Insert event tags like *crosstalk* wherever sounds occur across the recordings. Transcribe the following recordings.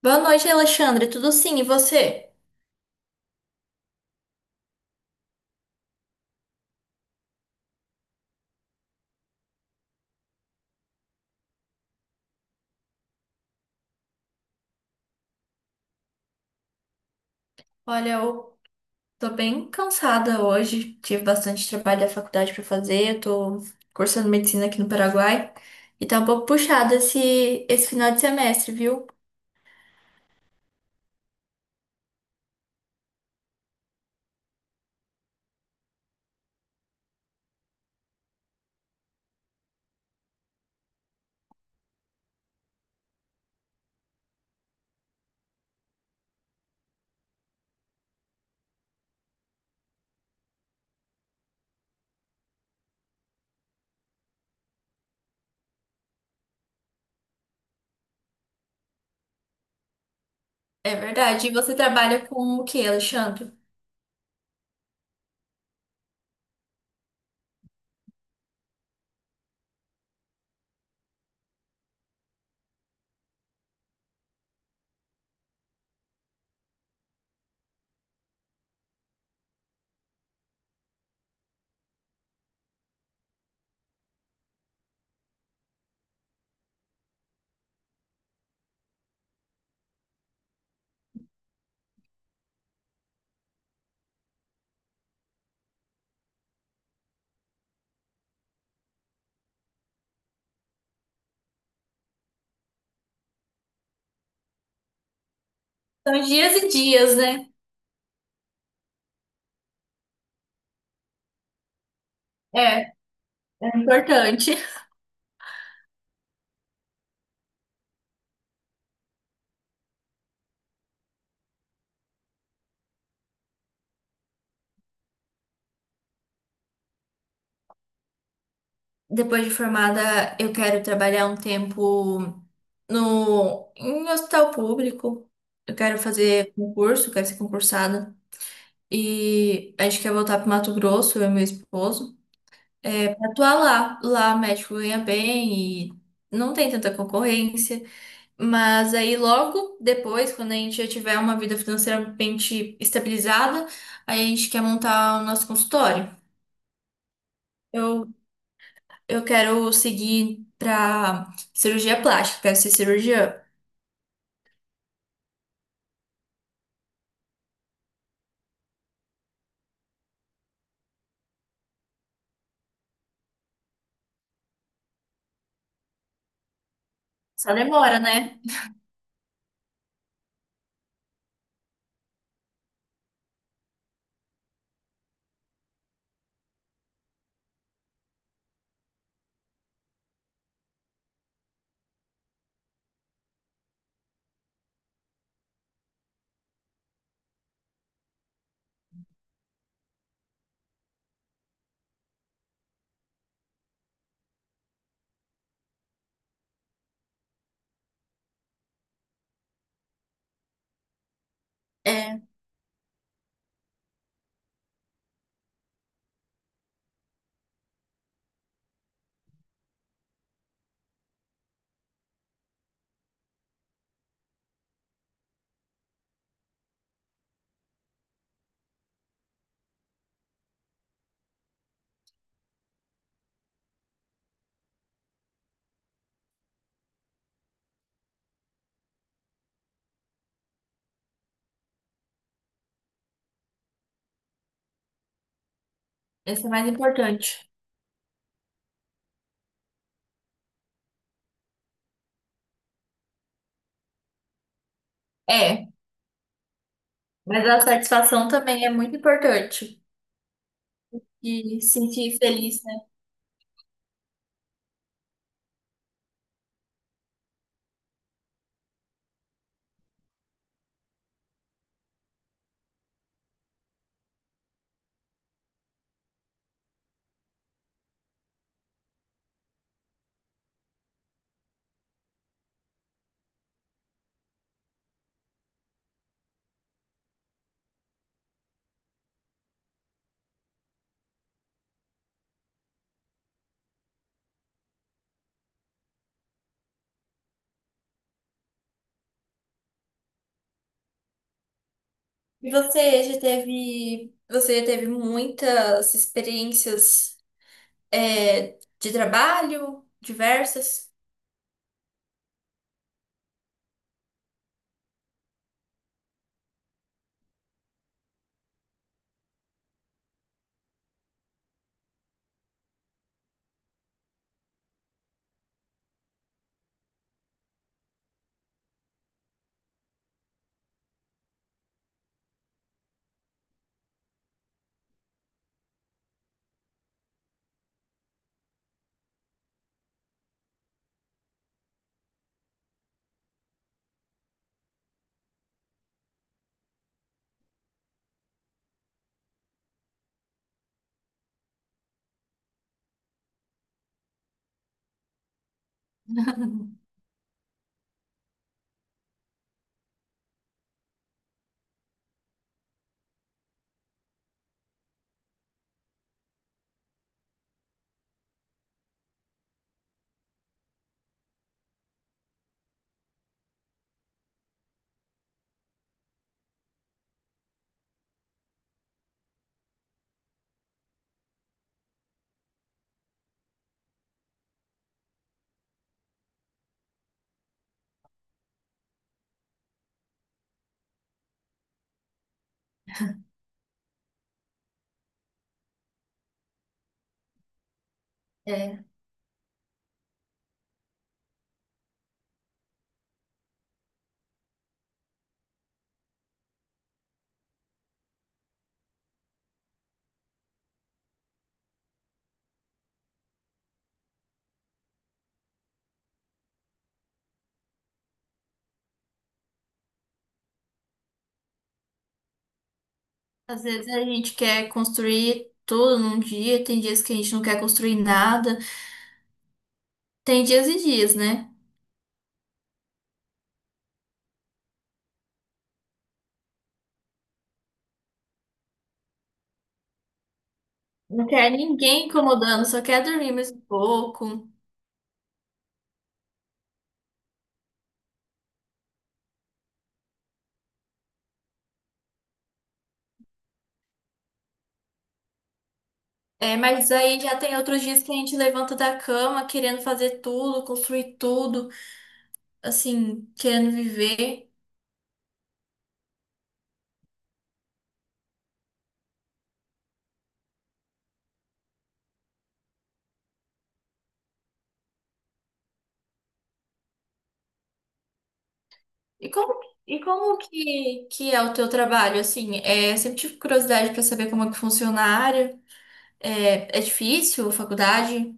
Boa noite, Alexandre. Tudo sim, e você? Olha, eu tô bem cansada hoje. Tive bastante trabalho da faculdade pra fazer. Eu tô cursando medicina aqui no Paraguai e tá um pouco puxado esse final de semestre, viu? É verdade. E você trabalha com o quê, Alexandre? São dias e dias, né? É, é importante. *laughs* Depois de formada, eu quero trabalhar um tempo no, em um hospital público. Eu quero fazer concurso, quero ser concursada. E a gente quer voltar pro Mato Grosso, eu e meu esposo, é, pra atuar lá. Lá médico ganha bem e não tem tanta concorrência. Mas aí logo depois, quando a gente já tiver uma vida financeiramente estabilizada, aí a gente quer montar o nosso consultório. Eu, eu quero seguir pra cirurgia plástica, quero ser cirurgiã. Só demora, né? É, esse é mais importante. É, mas a satisfação também é muito importante. E sentir feliz, né? E você já teve, você já teve muitas experiências, é, de trabalho, diversas? *laughs* É. Às vezes a gente quer construir tudo num dia, tem dias que a gente não quer construir nada, tem dias e dias, né? Não quer ninguém incomodando, só quer dormir mais um pouco. É, mas aí já tem outros dias que a gente levanta da cama querendo fazer tudo, construir tudo, assim, querendo viver. E como, e como que é o teu trabalho, assim? É, eu sempre tive curiosidade para saber como é que funciona a área. É, é difícil, a faculdade?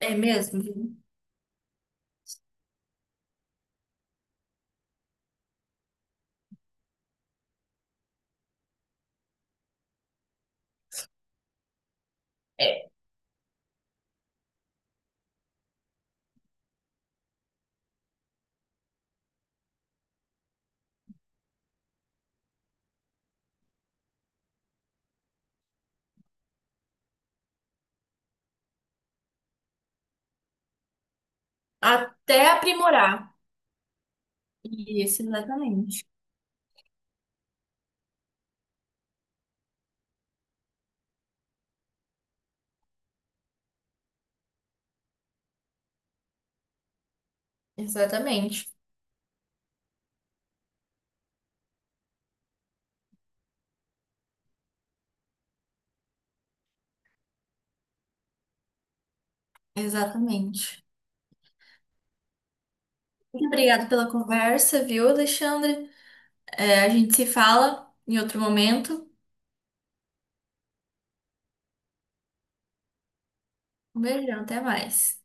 É mesmo? É. Até aprimorar. Isso, exatamente. Exatamente. Exatamente. Muito obrigada pela conversa, viu, Alexandre? É, a gente se fala em outro momento. Um beijão, até mais.